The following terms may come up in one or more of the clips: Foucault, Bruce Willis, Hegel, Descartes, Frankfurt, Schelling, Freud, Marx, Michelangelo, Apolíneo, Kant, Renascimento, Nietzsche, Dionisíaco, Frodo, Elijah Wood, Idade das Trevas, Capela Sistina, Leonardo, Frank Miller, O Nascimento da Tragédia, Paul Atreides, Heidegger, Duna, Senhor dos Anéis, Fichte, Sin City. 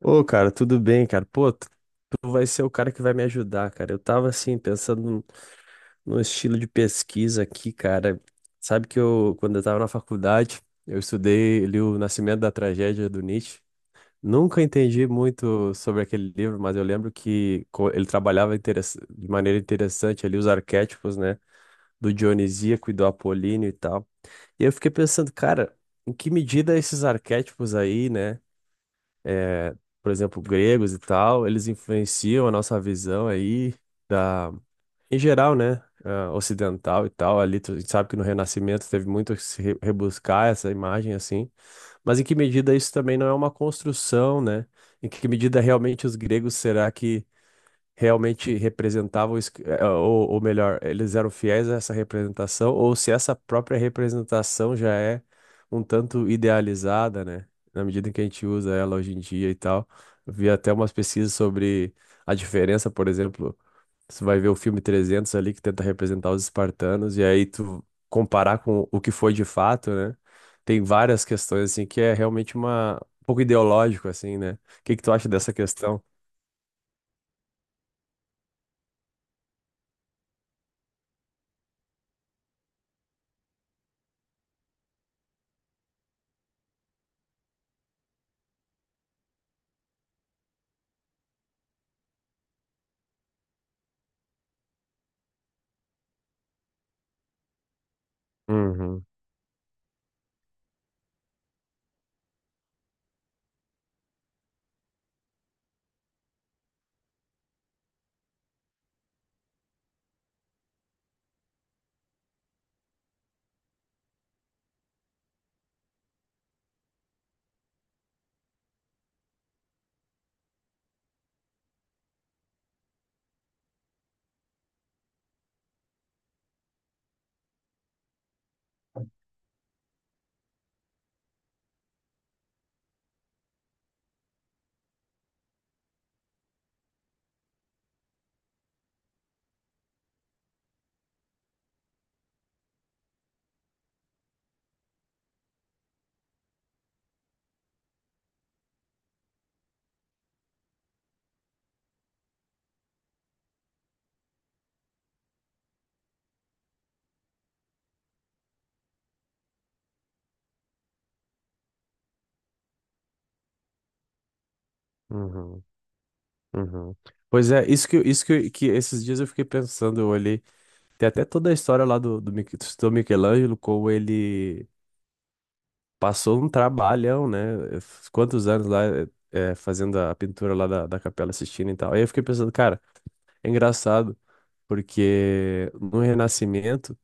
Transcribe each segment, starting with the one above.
Ô, cara, tudo bem, cara? Pô, tu vai ser o cara que vai me ajudar, cara. Eu tava assim, pensando num estilo de pesquisa aqui, cara. Sabe que eu, quando eu tava na faculdade, eu estudei li O Nascimento da Tragédia do Nietzsche. Nunca entendi muito sobre aquele livro, mas eu lembro que ele trabalhava de maneira interessante ali os arquétipos, né? Do Dionisíaco e do Apolíneo e tal. E eu fiquei pensando, cara, em que medida esses arquétipos aí, né? É, por exemplo, gregos e tal, eles influenciam a nossa visão aí da, em geral, né, ocidental e tal. Ali a gente sabe que no Renascimento teve muito que se rebuscar essa imagem assim, mas em que medida isso também não é uma construção, né? Em que medida realmente os gregos será que realmente representavam, ou melhor, eles eram fiéis a essa representação, ou se essa própria representação já é um tanto idealizada, né? Na medida em que a gente usa ela hoje em dia e tal. Eu vi até umas pesquisas sobre a diferença, por exemplo, você vai ver o filme 300 ali que tenta representar os espartanos, e aí tu comparar com o que foi de fato, né? Tem várias questões, assim, que é realmente uma um pouco ideológico, assim, né? O que que tu acha dessa questão? Uhum, uhum. Uhum. Pois é, que esses dias eu fiquei pensando, eu olhei, tem até toda a história lá do Michelangelo, como ele passou um trabalhão, né? eh, Quantos anos lá fazendo a pintura lá da Capela Sistina e tal. Aí eu fiquei pensando, cara, é engraçado, porque no Renascimento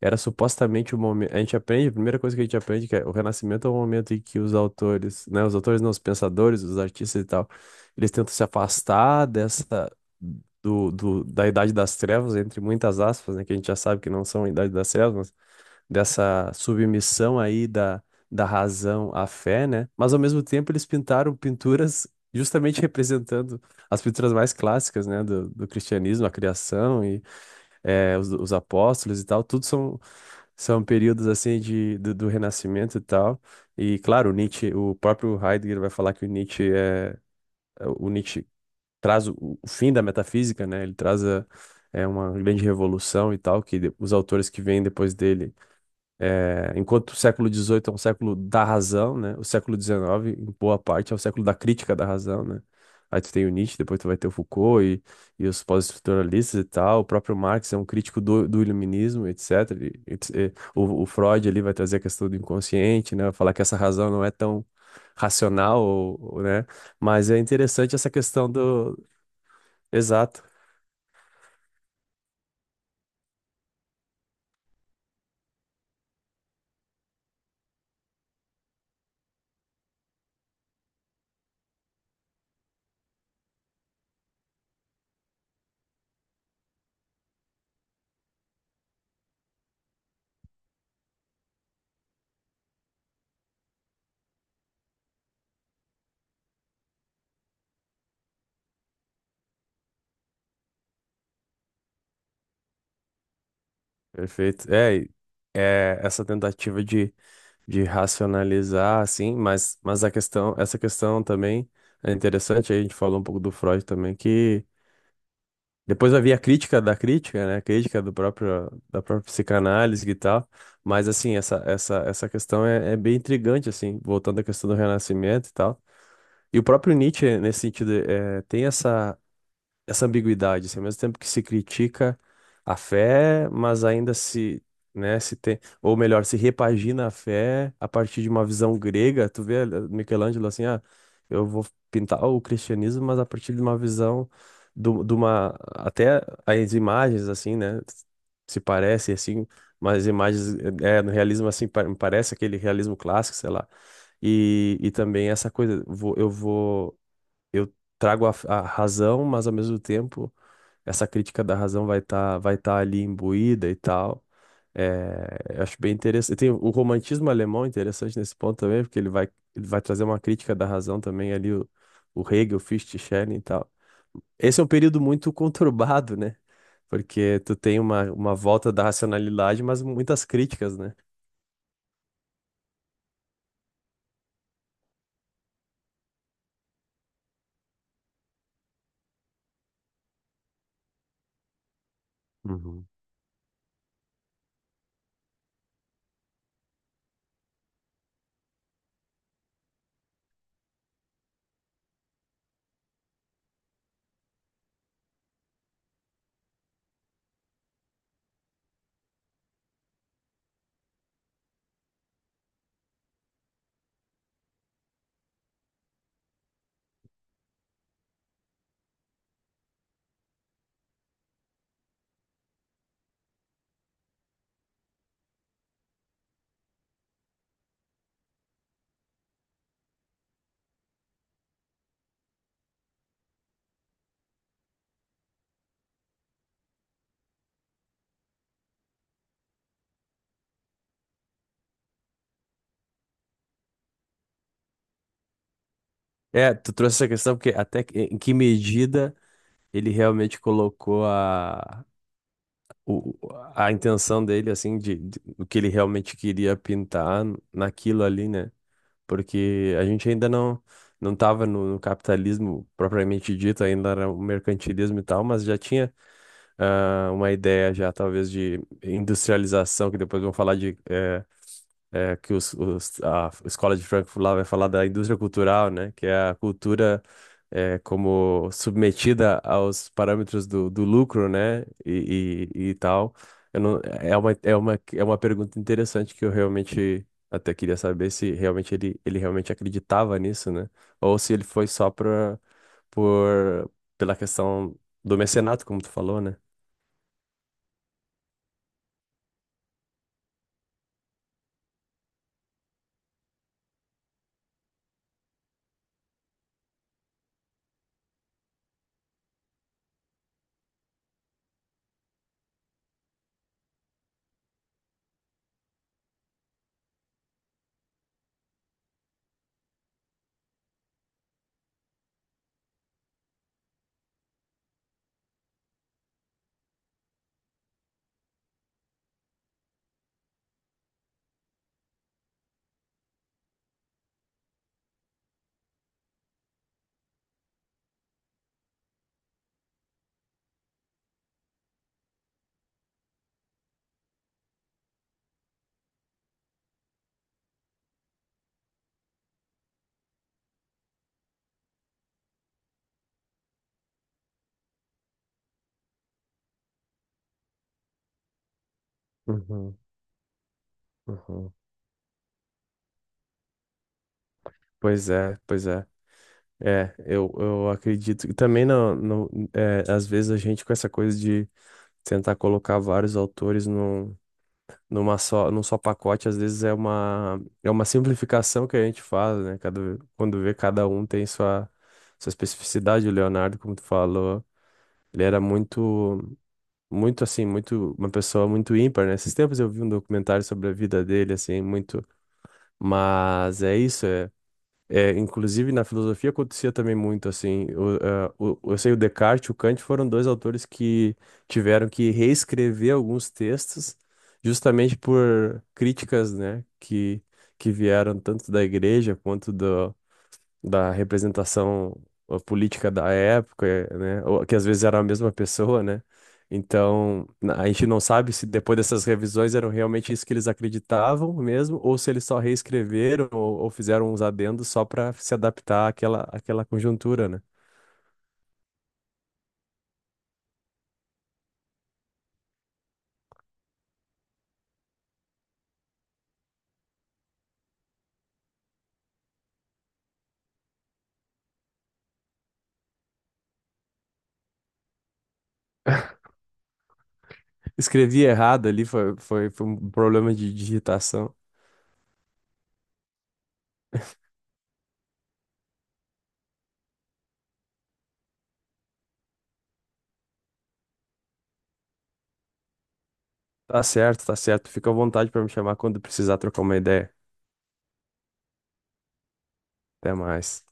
era supostamente o momento. A gente aprende, a primeira coisa que a gente aprende que é o Renascimento é o momento em que os autores, né, os autores não, os pensadores, os artistas e tal, eles tentam se afastar dessa da Idade das Trevas, entre muitas aspas, né, que a gente já sabe que não são a Idade das Trevas, mas dessa submissão aí da razão à fé, né? Mas ao mesmo tempo eles pintaram pinturas justamente representando as pinturas mais clássicas, né, do cristianismo, a criação e os apóstolos e tal, tudo são são períodos assim do Renascimento e tal. E claro, o Nietzsche, o próprio Heidegger vai falar que o Nietzsche traz o fim da metafísica, né? Ele traz é uma grande revolução e tal que os autores que vêm depois dele enquanto o século XVIII é um século da razão, né? O século XIX, em boa parte, é o século da crítica da razão, né? Aí tu tem o Nietzsche, depois tu vai ter o Foucault e os pós-estruturalistas e tal. O próprio Marx é um crítico do iluminismo, etc. O Freud ali vai trazer a questão do inconsciente, né? Vai falar que essa razão não é tão racional, né? Mas é interessante essa questão do. Exato, perfeito. É essa tentativa de racionalizar, assim, mas essa questão também é interessante, aí a gente falou um pouco do Freud também, que depois havia a crítica da crítica, né, a crítica da própria psicanálise e tal, mas, assim, essa questão é bem intrigante, assim, voltando à questão do renascimento e tal, e o próprio Nietzsche, nesse sentido, é, tem essa ambiguidade, assim, ao mesmo tempo que se critica a fé, mas ainda se, né, se tem, ou melhor, se repagina a fé a partir de uma visão grega. Tu vê Michelangelo assim, ah, eu vou pintar o cristianismo, mas a partir de uma visão do, de uma até as imagens assim, né, se parece assim, mas as imagens é no realismo assim parece aquele realismo clássico, sei lá. E também essa coisa, vou eu trago a razão, mas ao mesmo tempo essa crítica da razão vai tá ali imbuída e tal. É, eu acho bem interessante. Tem o romantismo alemão interessante nesse ponto também, porque ele vai trazer uma crítica da razão também ali, o Hegel, Fichte, Schelling e tal. Esse é um período muito conturbado, né? Porque tu tem uma volta da racionalidade, mas muitas críticas, né? Uhum. É, tu trouxe essa questão porque em que medida ele realmente colocou o, a intenção dele, assim, do que ele realmente queria pintar naquilo ali, né? Porque a gente ainda não estava no capitalismo propriamente dito, ainda era o mercantilismo e tal, mas já tinha ah, uma ideia já, talvez, de industrialização, que depois vão falar de a escola de Frankfurt lá vai falar da indústria cultural, né? Que é a cultura é, como submetida aos parâmetros do lucro, né? E tal. Eu não, é uma pergunta interessante que eu realmente até queria saber se realmente ele realmente acreditava nisso, né? Ou se ele foi só por, pela questão do mecenato, como tu falou, né? Uhum, uhum. Pois é, pois é. Eu acredito. E também, não, não, é, às vezes, a gente com essa coisa de tentar colocar vários autores num, num só pacote, às vezes é uma simplificação que a gente faz, né? Cada, quando vê cada um tem sua especificidade. O Leonardo, como tu falou, ele era muito, muito assim, muito, uma pessoa muito ímpar, né? Esses tempos eu vi um documentário sobre a vida dele, assim, muito. Mas é isso, inclusive na filosofia acontecia também muito assim. Eu sei o Descartes e o Kant foram dois autores que tiveram que reescrever alguns textos justamente por críticas, né, que vieram tanto da igreja quanto da representação política da época, né? Ou, que às vezes era a mesma pessoa, né? Então, a gente não sabe se depois dessas revisões eram realmente isso que eles acreditavam mesmo, ou se eles só reescreveram ou fizeram uns adendos só para se adaptar àquela conjuntura, né? Escrevi errado ali, foi um problema de digitação. Tá certo, tá certo. Fica à vontade para me chamar quando precisar trocar uma ideia. Até mais.